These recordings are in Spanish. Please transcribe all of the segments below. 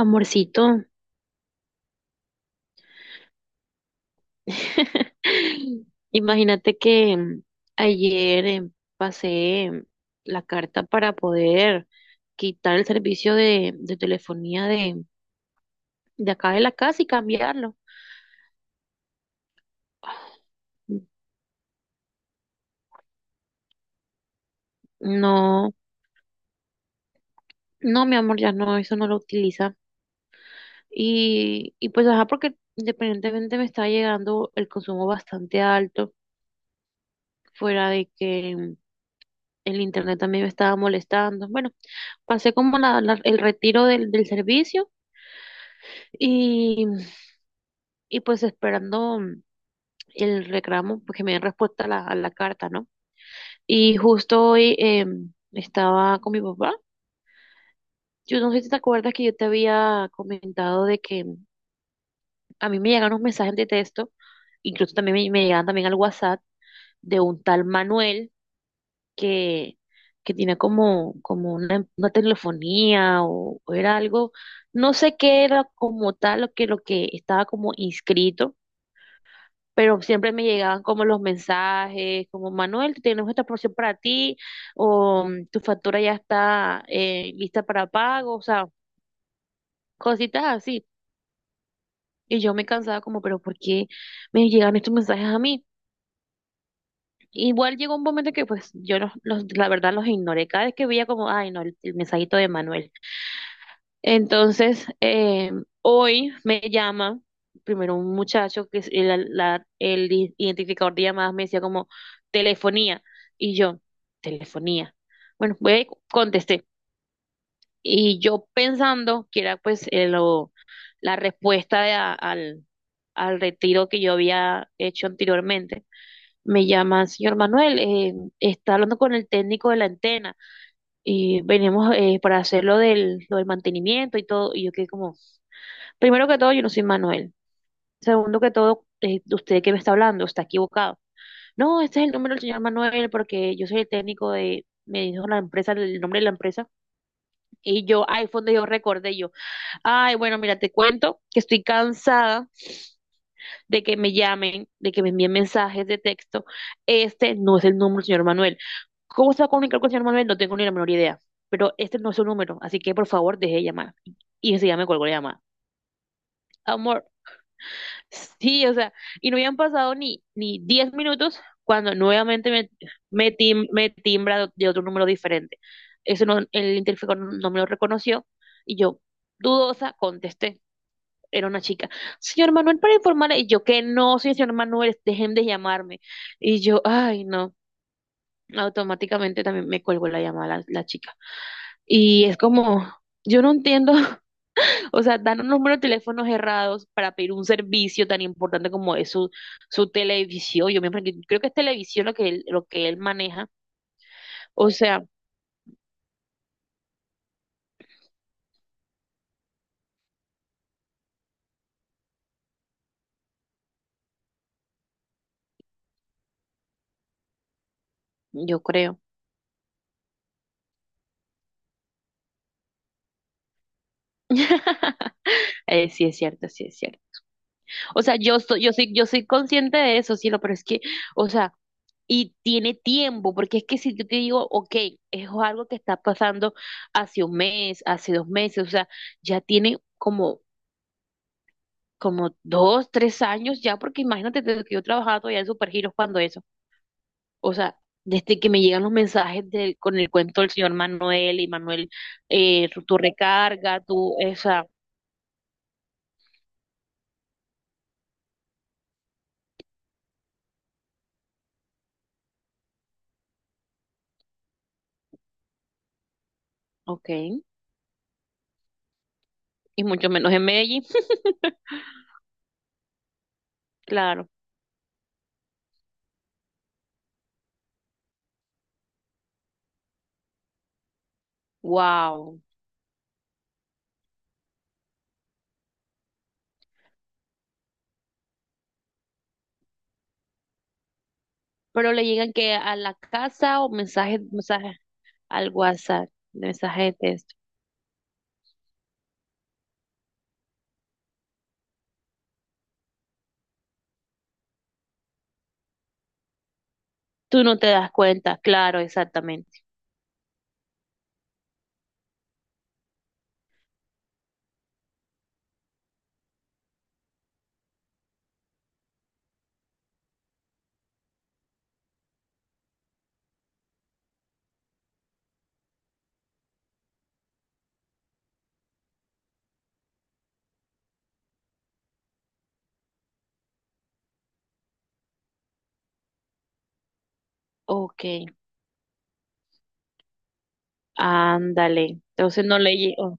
Amorcito, imagínate que ayer pasé la carta para poder quitar el servicio de telefonía de acá de la casa y cambiarlo. No, no, mi amor, ya no, eso no lo utiliza. Y pues, ajá, porque independientemente me está llegando el consumo bastante alto, fuera de que el internet también me estaba molestando. Bueno, pasé como el retiro del servicio. Y, y pues esperando el reclamo, pues que me den respuesta a a la carta, ¿no? Y justo hoy estaba con mi papá. Yo no sé si te acuerdas que yo te había comentado de que a mí me llegan unos mensajes de texto, incluso también me llegan también al WhatsApp de un tal Manuel que, que tiene como, como una telefonía o era algo, no sé qué era como tal lo que estaba como inscrito, pero siempre me llegaban como los mensajes, como Manuel, tenemos esta promoción para ti, o mm, tu factura ya está lista para pago. O sea, cositas así. Y yo me cansaba como, pero ¿por qué me llegan estos mensajes a mí? Igual llegó un momento que pues yo la verdad los ignoré. Cada vez que veía como, ay, no, el mensajito de Manuel. Entonces, hoy me llama primero un muchacho que es el, la- el i- identificador de llamadas, me decía como telefonía, y yo, telefonía. Bueno, contesté y yo pensando que era pues la respuesta de al, al retiro que yo había hecho anteriormente. Me llama, señor Manuel, está hablando con el técnico de la antena y venimos para hacer lo del mantenimiento y todo. Y yo quedé como... Primero que todo, yo no soy Manuel. Segundo que todo, usted que me está hablando está equivocado. No, este es el número del señor Manuel porque yo soy el técnico de, me dijo la empresa, el nombre de la empresa. Y yo, ay, fue donde yo recordé yo. Ay, bueno, mira, te cuento que estoy cansada de que me llamen, de que me envíen mensajes de texto. Este no es el número del señor Manuel. ¿Cómo se va a comunicar con el señor Manuel? No tengo ni la menor idea. Pero este no es su número, así que por favor deje de llamar. Y enseguida me colgó la llamada. Amor, sí, o sea, y no habían pasado ni 10 minutos cuando nuevamente me timbra de otro número diferente. Eso no, el interfijo no me lo reconoció y yo, dudosa, contesté. Era una chica. Señor Manuel, para informarle, y yo que no, soy el señor Manuel, dejen de llamarme. Y yo, ay, no, automáticamente también me cuelgo la llamada la chica. Y es como, yo no entiendo. O sea, dan un número de teléfonos errados para pedir un servicio tan importante como es su, su televisión. Creo que es televisión lo que él maneja. O sea, yo creo. Sí es cierto, sí es cierto. O sea, yo soy consciente de eso, sí, pero es que, o sea, y tiene tiempo, porque es que si yo te digo, ok, es algo que está pasando hace 1 mes, hace 2 meses, o sea, ya tiene como, como 2, 3 años ya, porque imagínate desde que yo trabajaba todavía en Supergiros cuando eso. O sea, desde que me llegan los mensajes del, con el cuento del señor Manuel y Manuel, tu recarga, tu, esa, ok, y mucho menos en Medellín. Claro, wow. Pero le llegan que a la casa o mensajes, mensajes al WhatsApp, mensajes de texto. Tú no te das cuenta, claro, exactamente. Ok, ándale. Entonces no le llegó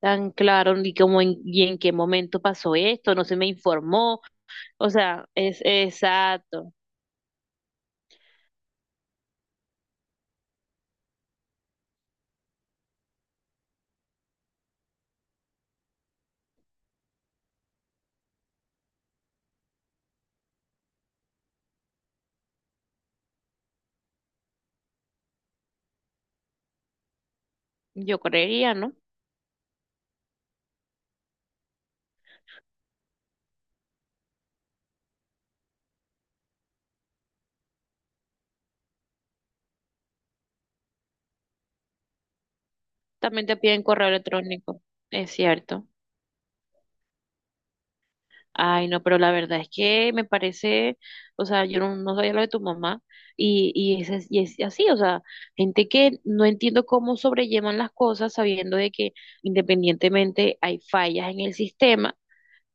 tan claro ni cómo y en qué momento pasó esto, no se me informó. O sea, es exacto. Yo creería, ¿no? También te piden correo electrónico, es cierto. Ay, no, pero la verdad es que me parece, o sea, yo no, no sabía lo de tu mamá y, es, y es así. O sea, gente que no entiendo cómo sobrellevan las cosas sabiendo de que independientemente hay fallas en el sistema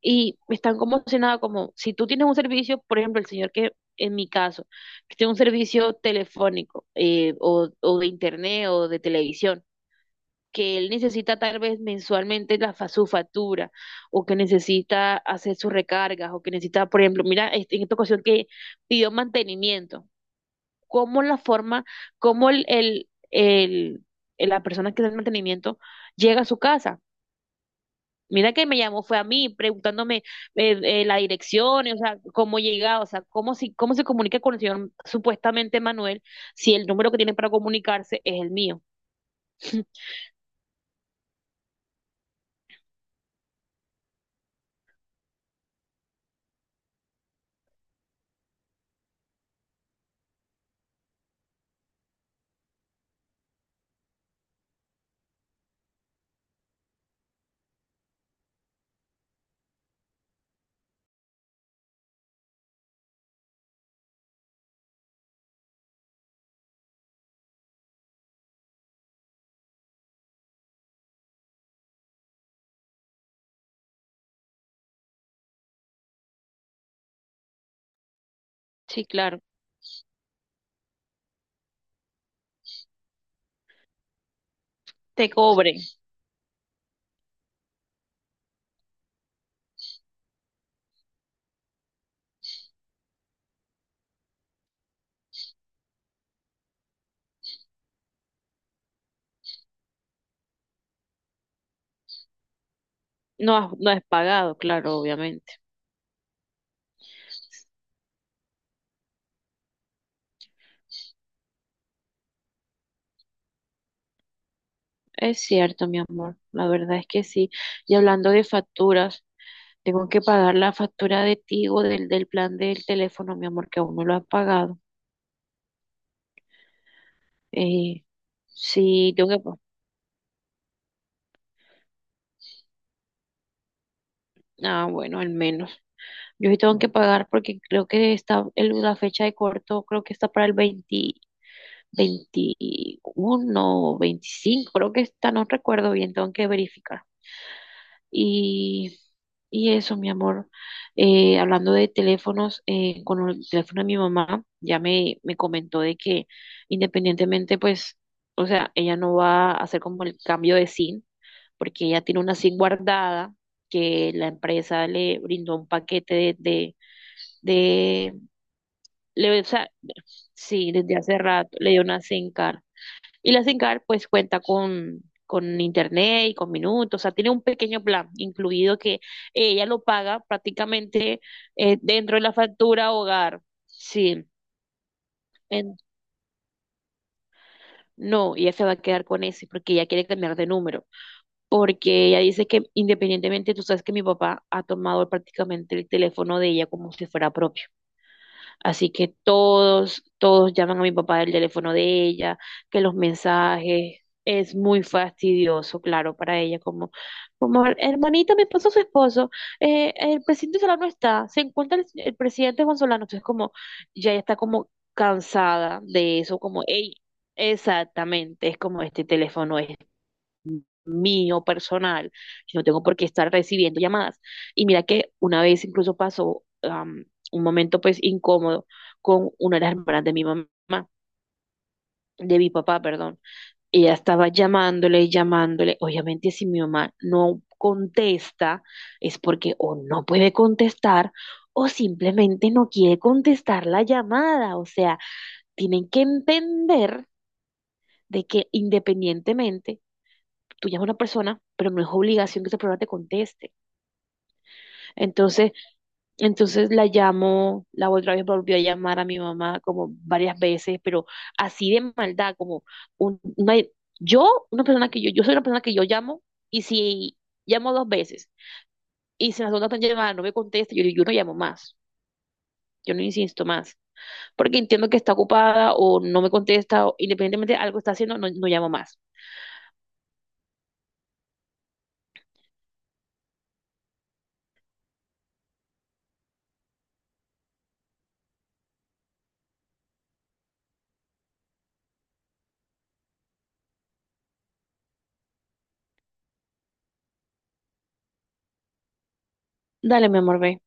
y están como si nada, como si tú tienes un servicio, por ejemplo, el señor que en mi caso, que tiene un servicio telefónico o de internet o de televisión, que él necesita tal vez mensualmente su factura o que necesita hacer sus recargas o que necesita, por ejemplo, mira, en esta ocasión que pidió mantenimiento, cómo la forma, cómo la persona que da el mantenimiento llega a su casa. Mira que me llamó, fue a mí preguntándome la dirección, o sea, cómo llega, o sea, cómo, si, cómo se comunica con el señor supuestamente Manuel, si el número que tiene para comunicarse es el mío. Sí, claro, te cobre. No, no es pagado, claro, obviamente. Es cierto, mi amor. La verdad es que sí. Y hablando de facturas, tengo que pagar la factura de Tigo del plan del teléfono, mi amor, que aún no lo has pagado. Eh, sí, tengo que... ah, bueno, al menos. Yo sí tengo que pagar porque creo que está la fecha de corto, creo que está para el 20, 21 o 25, creo que está, no recuerdo bien, tengo que verificar. Y, y eso, mi amor. Hablando de teléfonos, con el teléfono de mi mamá, ya me comentó de que independientemente, pues, o sea, ella no va a hacer como el cambio de SIM, porque ella tiene una SIM guardada que la empresa le brindó un paquete de- le, o sea, sí, desde hace rato, le dio una SIM card. Y la SINCAR pues cuenta con internet y con minutos, o sea, tiene un pequeño plan incluido que ella lo paga prácticamente dentro de la factura hogar. Sí, en- no, ella se va a quedar con ese porque ella quiere cambiar de número, porque ella dice que independientemente, tú sabes que mi papá ha tomado prácticamente el teléfono de ella como si fuera propio. Así que todos, todos llaman a mi papá del teléfono de ella, que los mensajes es muy fastidioso, claro, para ella, como, como hermanita, me esposo, su esposo, el presidente Solano está, se encuentra el presidente Juan Solano, entonces como, ya ella está como cansada de eso, como, ey, exactamente, es como este teléfono es mío personal. Yo no tengo por qué estar recibiendo llamadas. Y mira que una vez incluso pasó am, un momento pues incómodo con una de las hermanas de mi mamá, de mi papá, perdón. Ella estaba llamándole, llamándole. Obviamente, si mi mamá no contesta, es porque o no puede contestar o simplemente no quiere contestar la llamada. O sea, tienen que entender de que independientemente tú llamas a una persona, pero no es obligación que esa persona te conteste. Entonces, entonces la llamo, la otra vez volvió a llamar a mi mamá como varias veces, pero así de maldad, como un- una- yo, una persona yo soy una persona que yo llamo y si llamo 2 veces y si la segunda persona llamada no me contesta, yo, digo, yo no llamo más, yo no insisto más, porque entiendo que está ocupada o no me contesta, o independientemente de algo está haciendo, no, no llamo más. Dale, mi amor, ve.